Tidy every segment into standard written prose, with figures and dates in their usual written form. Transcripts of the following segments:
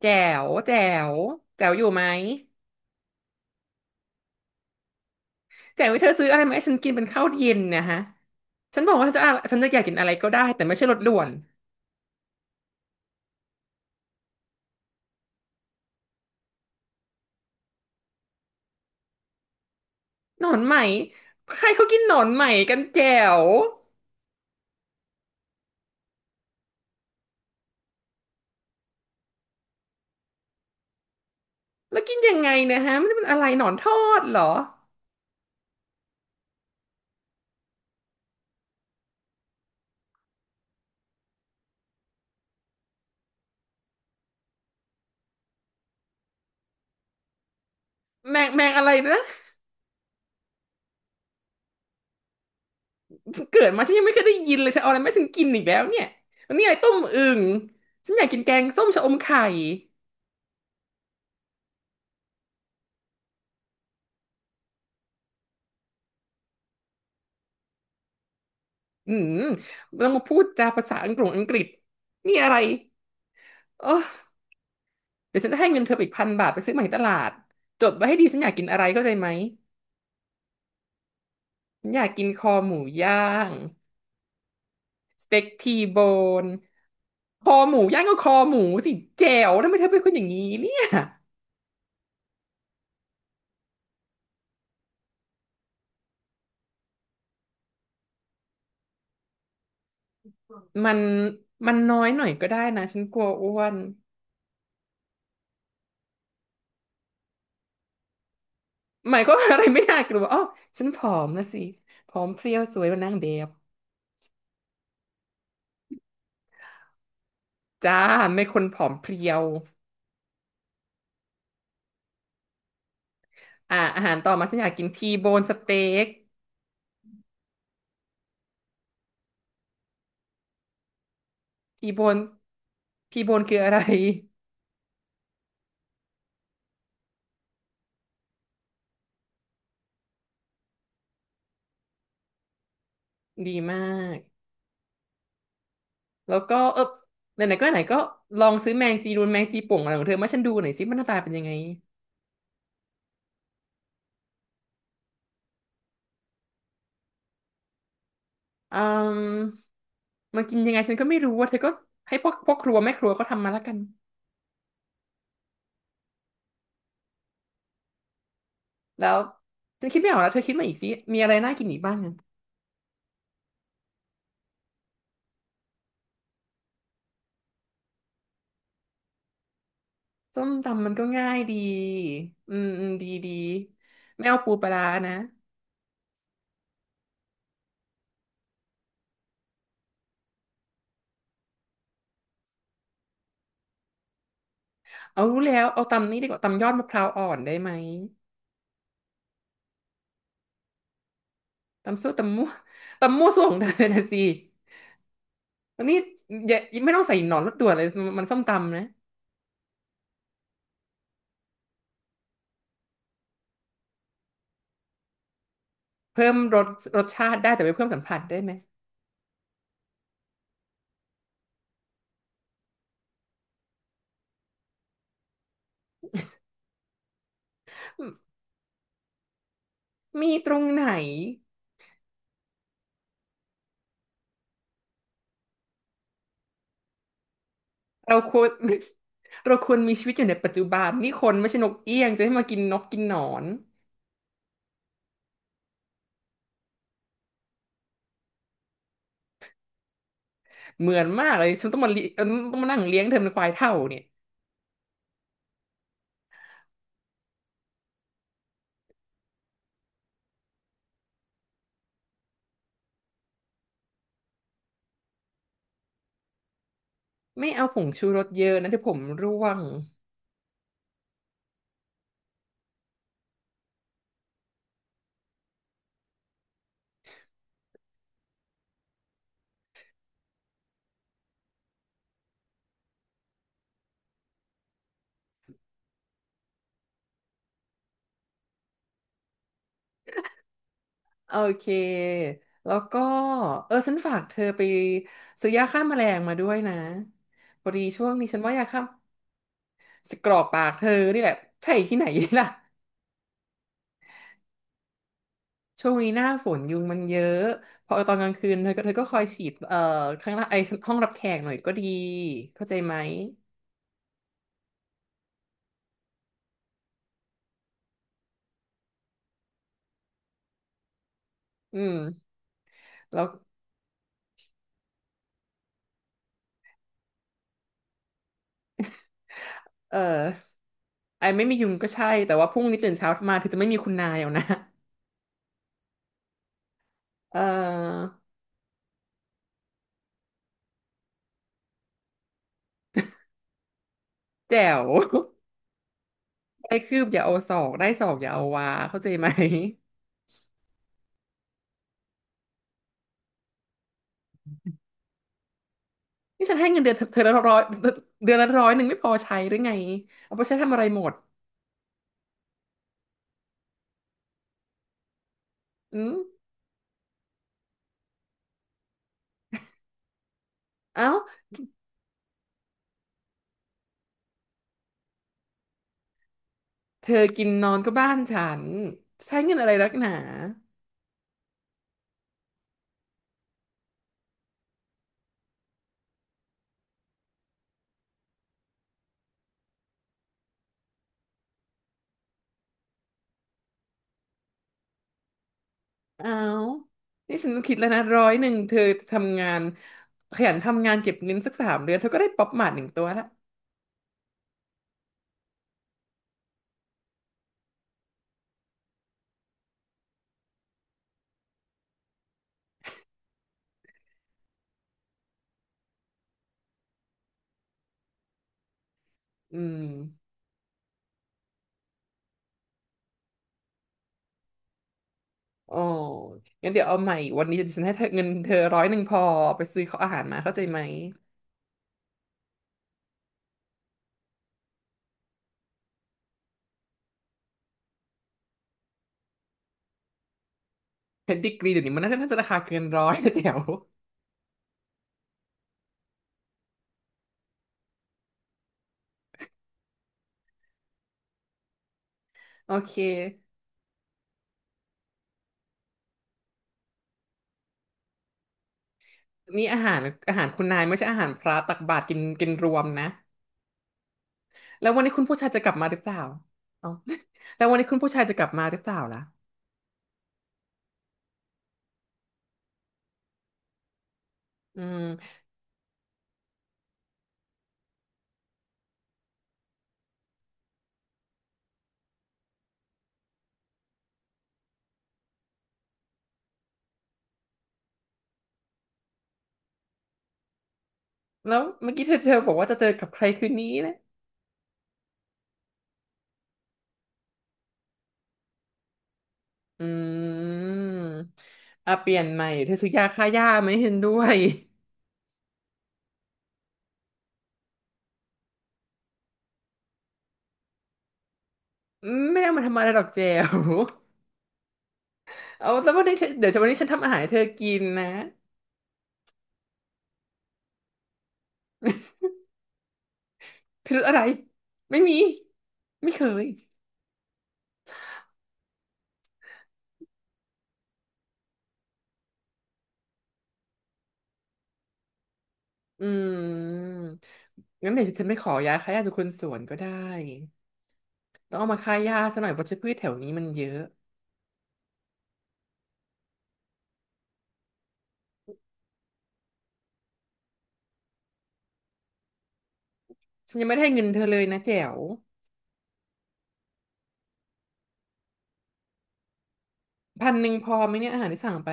แจ๋วแจ๋วแจ๋วอยู่ไหมแจ๋วเธอซื้ออะไรมาให้ฉันกินเป็นข้าวเย็นเนะฮะฉันบอกว่าฉันจะอยากกินอะไรก็ได้แต่ไม่ใช่รสด่วนหนอนไหมใครเขากินหนอนไหมกันแจ๋วแล้วกินยังไงเนะฮะมันเป็นอะไรหนอนทอดเหรอแมงแมงอะไรนะเกิดมาฉันยังไม่เคยได้ยินเลยเธอเอาอะไรมาให้ฉันกินอีกแล้วเนี่ยวันนี้อะไรต้มอึ่งฉันอยากกินแกงส้มชะอมไข่อืมต้องมาพูดจาภาษาอังกฤษอังกฤษนี่อะไรโอ้ เดี๋ยวฉันจะให้เงินเธออีก1,000 บาทไปซื้อมาที่ตลาดจดไว้ให้ดีฉันอยากกินอะไรเข้าใจไหม ฉันอยากกินคอหมูย่างสเต็กทีโบนคอหมูย่างก็คอหมูสิแจ๋วทำไมเธอเป็นคนอย่างนี้เนี่ยมันมันน้อยหน่อยก็ได้นะฉันกลัวอ้วนหมายความว่าอะไรไม่น่ากลัวอ๋อฉันผอมนะสิผอมเพรียวสวยกว่านางแบบจ้าไม่คนผอมเพรียวอ่าอาหารต่อมาฉันอยากกินทีโบนสเต็กทีโบนทีโบนคืออะไรดีมาก แล้วก็เออไหนๆก็ไหนๆก็ลองซื้อแมงจีนูนแมงจีป่องอะไรของเธอมาให้ฉันดูหน่อยสิมันหน้าตาเป็นยังไงอืมมันกินยังไงฉันก็ไม่รู้ว่าเธอก็ให้พวกครัวแม่ครัวก็ทำมาแล้วกันแล้วฉันคิดไม่ออกแล้วเธอคิดมาอีกสิมีอะไรน่ากินอีกบ้างอะส้มตำมันก็ง่ายดีอืมอืมดีดีไม่เอาปูปลาร้านะเอารู้แล้วเอาตำนี้ดีกว่าตำยอดมะพร้าวอ่อนได้ไหมตำซั่วตำมั่วตำมั่วซั่วของเธอนะสิอันนี้อย่าไม่ต้องใส่หนอนรถด่วนเลยมันส้มตำนะ เพิ่มรสชาติได้แต่ไม่เพิ่มสัมผัสได้ไหมมมีตรงไหนเราควร เราควรมีชีวิตอยู่ในปัจจุบันนี่คนไม่ใช่นกเอี้ยงจะให้มากินนกกินหนอนเหมือนมากเลยฉันต้องมาเลี้ยเอิ่มต้องมานั่งเลี้ยงเธอเป็นควายเท่าเนี่ยไม่เอาผงชูรสเยอะนะเดี๋ยวผมร่วงโอเคแล้วก็เออฉันฝากเธอไปซื้อยาฆ่าแมลงมาด้วยนะพอดีช่วงนี้ฉันว่ายาฆ่าสกรอกปากเธอนี่แหละใช่ที่ไหน ล่ะ ช่วงนี้หน้าฝนยุงมันเยอะพอตอนกลางคืนเธอก็คอยฉีดข้างล่างไอห้องรับแขกหน่อยก็ดีเข้าใจไหมอืมแล้วเอ่อไอไม่มียุงก็ใช่แต่ว่าพรุ่งนี้ตื่นเช้ามาเธอจะไม่มีคุณนายเอานะ เอ่อแจ๋ว ได้คืบอย่าเอาศอกได้ศอกอย่าเอาวาเข้าใจไหมนี่ฉันให้เงินเดือนเธอเธอละร้อยเดือนละร้อยหนึ่งไม่พอใช้หรือไงเอาไปใช้ทำอะไรหมดอืมเอ้าเธอกินนอนก็บ้านฉันใช้เงินอะไรนักหนา อ้าว นี่ฉันคิดแล้วนะร้อยหนึ่งเธอทำงานขยันทำงานเก็บเงินสัก3 เดือนเธอก็ได้ป๊อปหมาดหนึ่งตัวละอืมโอ้งั้นเดี๋ยวเอาใหม่วันนี้ฉันให้เธอเงินเธอร้อยหนึ่งพอไปซื้อข้าวอาหารมาเข้าใจไหมเพชรดิกรีเดี๋ยวนี้มันน่าจะราคาเกินร้อยนะแจ๋วโอเค นี่อาหารอาหารคุณนายไม่ใช่อาหารพระตักบาตรกินกินรวมนะแล้ววันนี้คุณผู้ชายจะกลับมาหรือเปล่าเอา แล้ววันนี้คุณผู้ชายจะกลับมาหรือเปล่าล่ะอืมแล้วเมื่อกี้เธอบอกว่าจะเจอกับใครคืนนี้นะ อืมอ่ะเปลี่ยนใหม่เธอซื้อยาฆ่าหญ้าไหมเห็นด้วย อืมไม่ได้เอามาทำอะไรหรอกเจล เอาแล้ววันนี้เธอเดี๋ยววันนี้ฉันทำอาหารให้เธอกินนะพิรุธอะไรไม่มีไม่เคยอืมงั้นเดี๋ยวฉันไปขอยาฆ่าหญ้าจากคนสวนก็ได้ต้องเอามาฆ่าหญ้าซะหน่อยเพราะพืชแถวนี้มันเยอะฉันยังไม่ได้ให้เงินเธอเลยนะแจ๋ว1,000พอไหมเนี่ยอาหารที่สั่งไป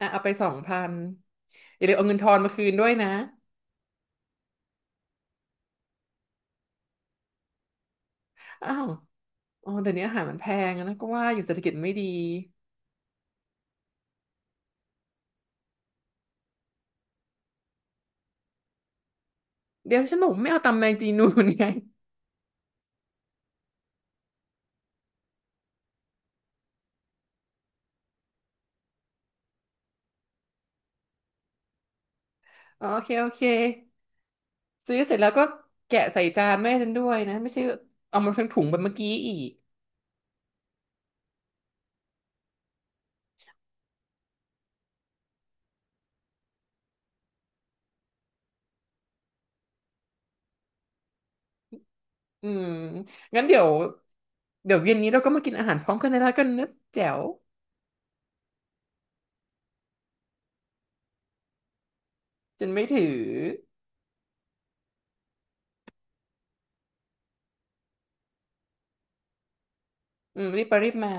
อ่ะเอาไป2,000อย่าลืมเอาเงินทอนมาคืนด้วยนะ อ้าวอ๋อเดี๋ยวนี้อาหารมันแพงอะนะก็ว่าอยู่เศรษฐกิจไม่ดีเดี๋ยวฉันบอกไม่เอาตำแมงจีนูนไงอ๋อโอเคโอเคซื้อเสร็จแล้วก็แกะใส่จานแม่ฉันด้วยนะ ไม่ใช่เอามาทั้งถุงแบบเมื่อกี้อีกอืมงั้นเดี๋ยวเย็นนี้เราก็มากินอาหารพร้อมกันได้แล้วกันนะแจ๋วฉันไม่ถืออืมรีบไปรีบมา